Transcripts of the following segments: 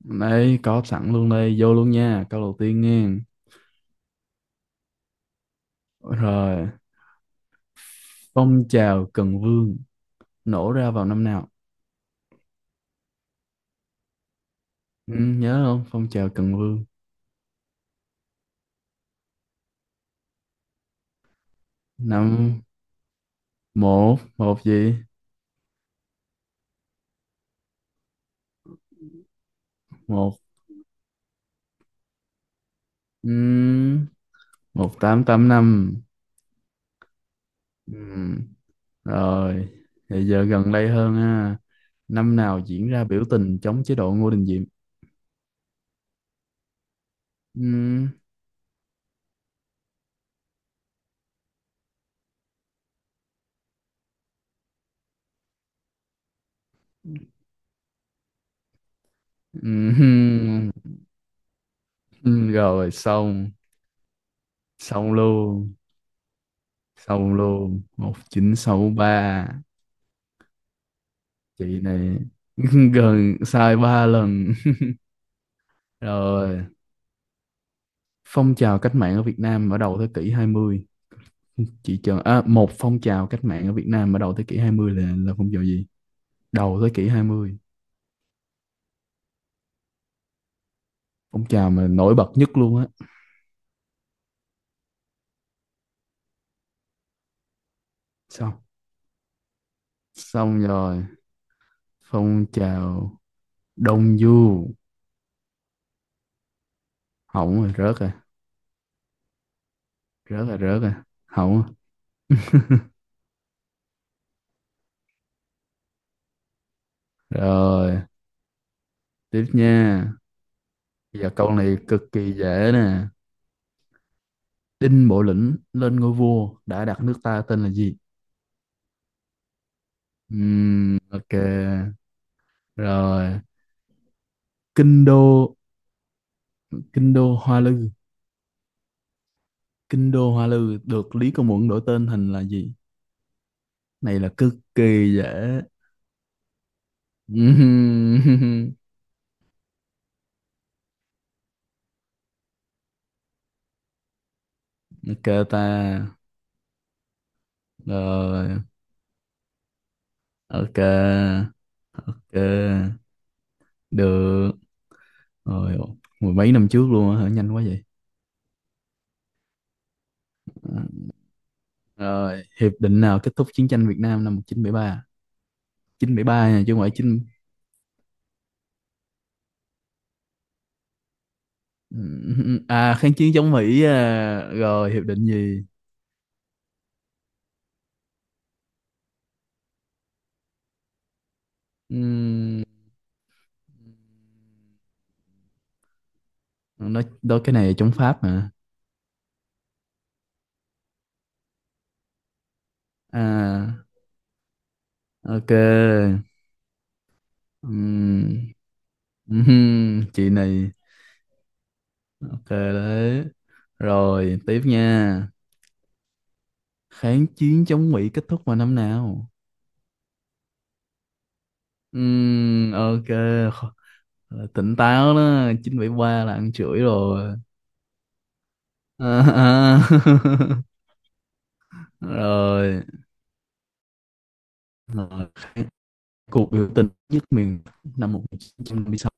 Đấy, có sẵn luôn đây, vô luôn nha, câu đầu tiên nghe. Rồi, phong trào Cần Vương nổ ra vào năm nào? Ừ, nhớ không? Phong trào Cần Vương. Năm một, một gì? Một, ừm, một tám tám năm. Ừm, Rồi, bây giờ gần đây hơn ha. Năm nào diễn ra biểu tình chống chế độ Ngô Đình Diệm? Ừm, ừm, Rồi, xong, xong luôn, xong luôn. 1963. Chị này gần sai ba lần rồi. Phong trào cách mạng ở Việt Nam ở đầu thế kỷ hai mươi, chị chờ à? Một phong trào cách mạng ở Việt Nam ở đầu thế kỷ 20 là phong trào gì? Đầu thế kỷ hai mươi, phong trào mà nổi bật nhất luôn á. Xong xong rồi, phong trào Đông Du. Hỏng rồi, rớt rồi, rớt rồi, rớt rồi, hỏng rồi. Rồi, tiếp nha. Giờ câu này cực kỳ dễ nè. Đinh Bộ Lĩnh lên ngôi vua đã đặt nước ta tên là gì? Ok. Rồi, kinh đô kinh đô Hoa Lư kinh đô Hoa Lư được Lý Công Uẩn đổi tên thành là gì? Này là cực kỳ dễ. Ừm, ok ta. Rồi, ok, ok, được rồi. Mười mấy năm trước luôn á hả? Nhanh quá vậy. À, rồi, hiệp định nào kết thúc chiến tranh Việt Nam năm một chín chín bảy ba? Chín bảy ba nha chứ không phải chín. À, kháng chiến chống Mỹ à? Rồi hiệp định gì? Ừm, nói đó, cái này chống Pháp mà. À, ok. Ừm, ừm, chị này. Ok đấy. Rồi tiếp nha. Kháng chiến chống Mỹ kết thúc vào năm nào? Ok. Kho- là tỉnh táo đó, 973 là ăn chửi rồi. À, à. Rồi, rồi. Cuộc biểu tình nhất miền Bắc năm 1956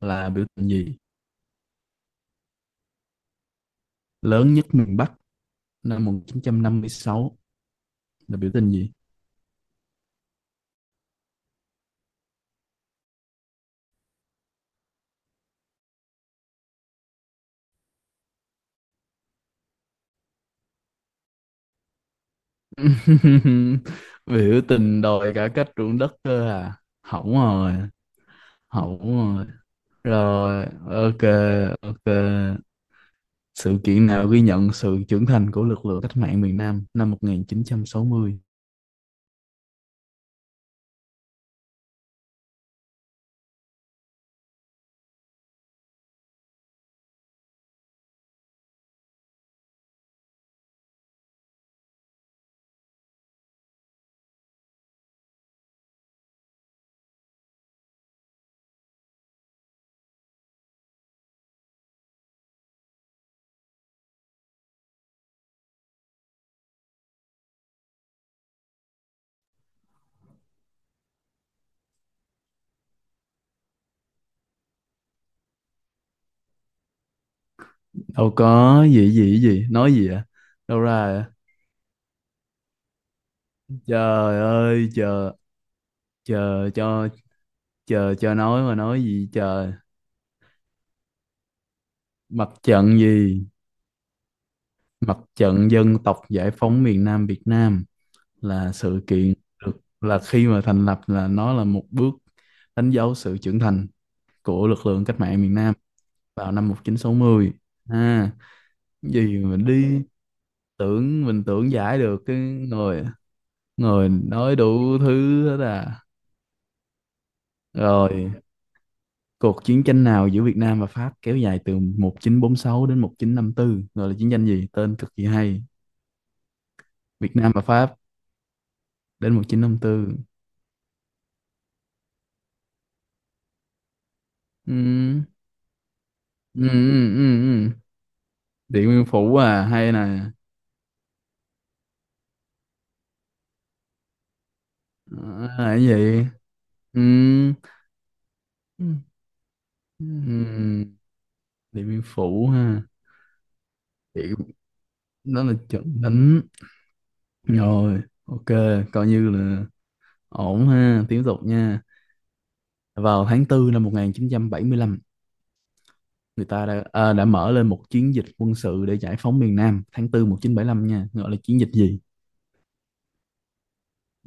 là biểu tình gì? Lớn nhất miền Bắc năm 1956 là biểu tình gì? Biểu tình đòi cải cách ruộng đất cơ à? Hỏng rồi, hỏng rồi. Rồi, ok, ok. Sự kiện nào ghi nhận sự trưởng thành của lực lượng cách mạng miền Nam năm 1960? Đâu có, gì gì gì, nói gì ạ? Đâu ra vậy? Trời ơi, chờ cho, chờ cho nói mà, nói gì trời. Mặt trận gì? Mặt trận Dân tộc Giải phóng miền Nam Việt Nam. Là sự kiện được, là khi mà thành lập, là nó là một bước đánh dấu sự trưởng thành của lực lượng cách mạng miền Nam vào năm 1960. À. Gì mà đi? Tưởng mình tưởng giải được cái, người người nói đủ thứ hết à. Rồi, cuộc chiến tranh nào giữa Việt Nam và Pháp kéo dài từ 1946 đến 1954 gọi là chiến tranh gì? Tên cực kỳ hay. Việt Nam và Pháp đến 1954. Ừ. Ừ, ừ, ừ, ừ. Điện Biên Phủ à, hay nè. Ờ, là cái gì? Ừm, ừm, Điện Biên Phủ ha. Điện, Đó là trận đánh. Rồi, ok, coi như là ổn ha. Tiếp tục nha. Vào tháng tư năm 1975, người ta đã mở lên một chiến dịch quân sự để giải phóng miền Nam, tháng 4 lăm nha, gọi là chiến dịch gì?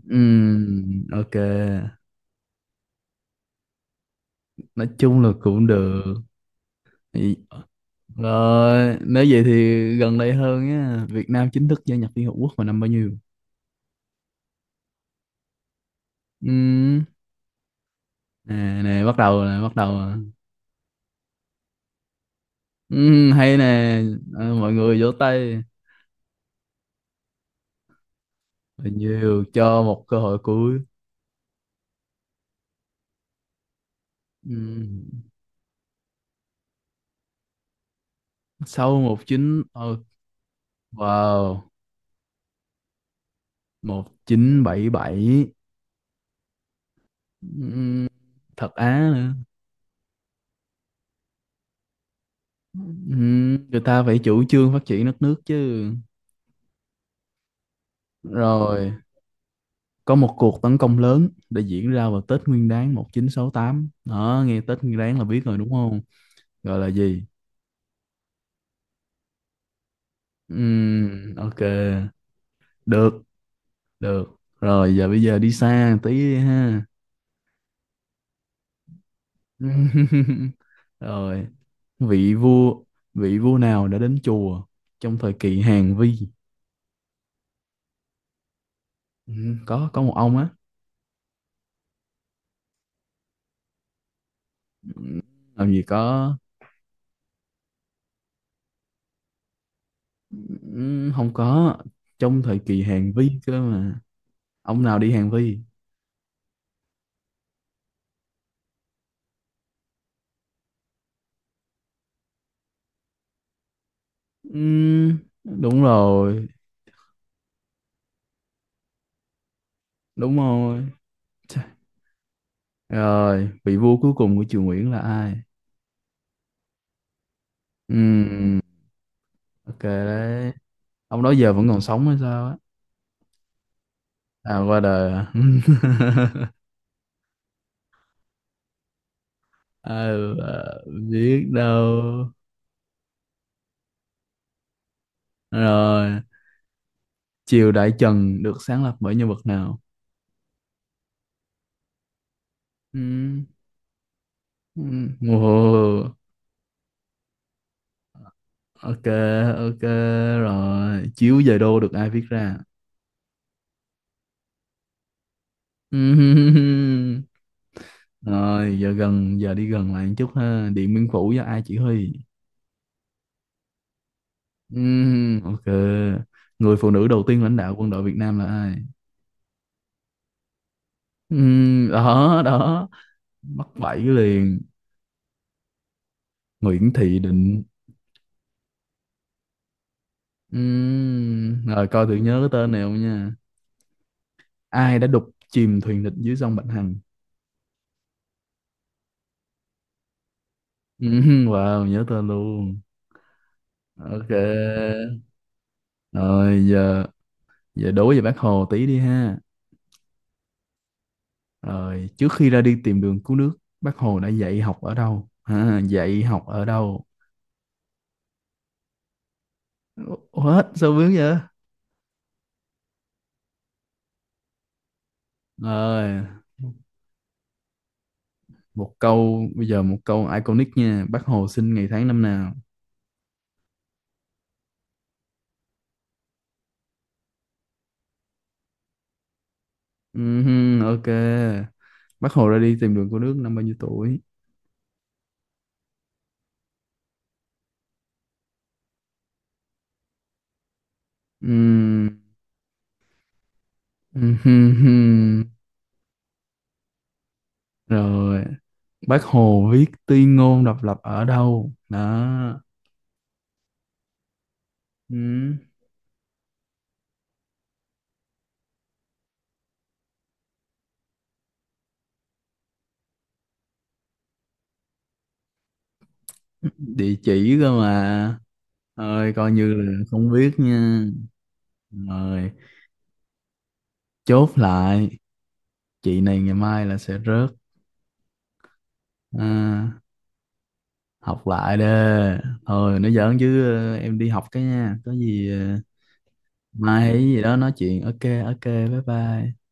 Ok. Nói chung là cũng được. Thì- Rồi, nếu vậy thì gần đây hơn á, Việt Nam chính thức gia nhập Liên Hợp Quốc vào năm bao nhiêu? Ừ. Nè, nè, bắt đầu nè, bắt đầu nè. Ừ, hay nè. Ờ, mọi người vỗ tay. Và nhiều cho một cơ hội cuối. Ừ. Sau một chín, wow, 1977. Ừ. Thật á nữa. Ừ. Người ta phải chủ trương phát triển đất nước chứ. Rồi, có một cuộc tấn công lớn đã diễn ra vào Tết Nguyên Đán 1968, đó, nghe Tết Nguyên Đán là biết rồi đúng không? Gọi là gì? Ok. Được, được rồi. Bây giờ đi xa một tí đi ha. Rồi, vị vua vị vua nào đã đến chùa trong thời kỳ Hàn Vi? Ừ, có một ông á. Ừ, làm gì có. Ừ, không có, trong thời kỳ Hàn Vi cơ mà. Ông nào đi Hàn Vi? Ừ, đúng rồi, đúng rồi. Chà, rồi, vị vua cuối cùng của triều Nguyễn là ai? Ừ, ok đấy. Ông đó giờ vẫn còn sống hay sao á? À, qua đời à? Ờ, biết đâu. Rồi, triều Đại Trần được sáng lập bởi nhân vật nào? Ừ, ừ, ồ, ok, ok rồi. Chiếu về đô được ai viết ra? Ừ, rồi, giờ đi gần lại một chút ha. Điện Biên Phủ do ai chỉ huy? Ừ, ok. Người phụ nữ đầu tiên lãnh đạo quân đội Việt Nam là ai? Ừ, đó đó, mắc bẫy liền. Nguyễn Thị Định. Rồi coi thử nhớ cái tên này không nha. Ai đã đục chìm thuyền địch dưới sông Bạch Hằng? Wow, nhớ tên luôn. Ok. Rồi, giờ giờ đố về bác Hồ tí đi ha. Rồi, trước khi ra đi tìm đường cứu nước, bác Hồ đã dạy học ở đâu? Ha, dạy học ở đâu? What? Sao vướng vậy? Rồi, một câu iconic nha. Bác Hồ sinh ngày tháng năm nào? Ok. Bác Hồ ra đi tìm đường cứu nước năm bao nhiêu tuổi? Ừm, hừm, hừm. Rồi, bác Hồ viết tuyên ngôn độc lập ở đâu? Đó. Ừm, Địa chỉ cơ mà. Ơi, coi như là không biết nha. Rồi, chốt lại. Chị này ngày mai là sẽ rớt. À, học lại đi. Thôi, nó giỡn chứ, em đi học cái nha. Có gì, mai hay gì đó nói chuyện. Ok, ok, bye bye.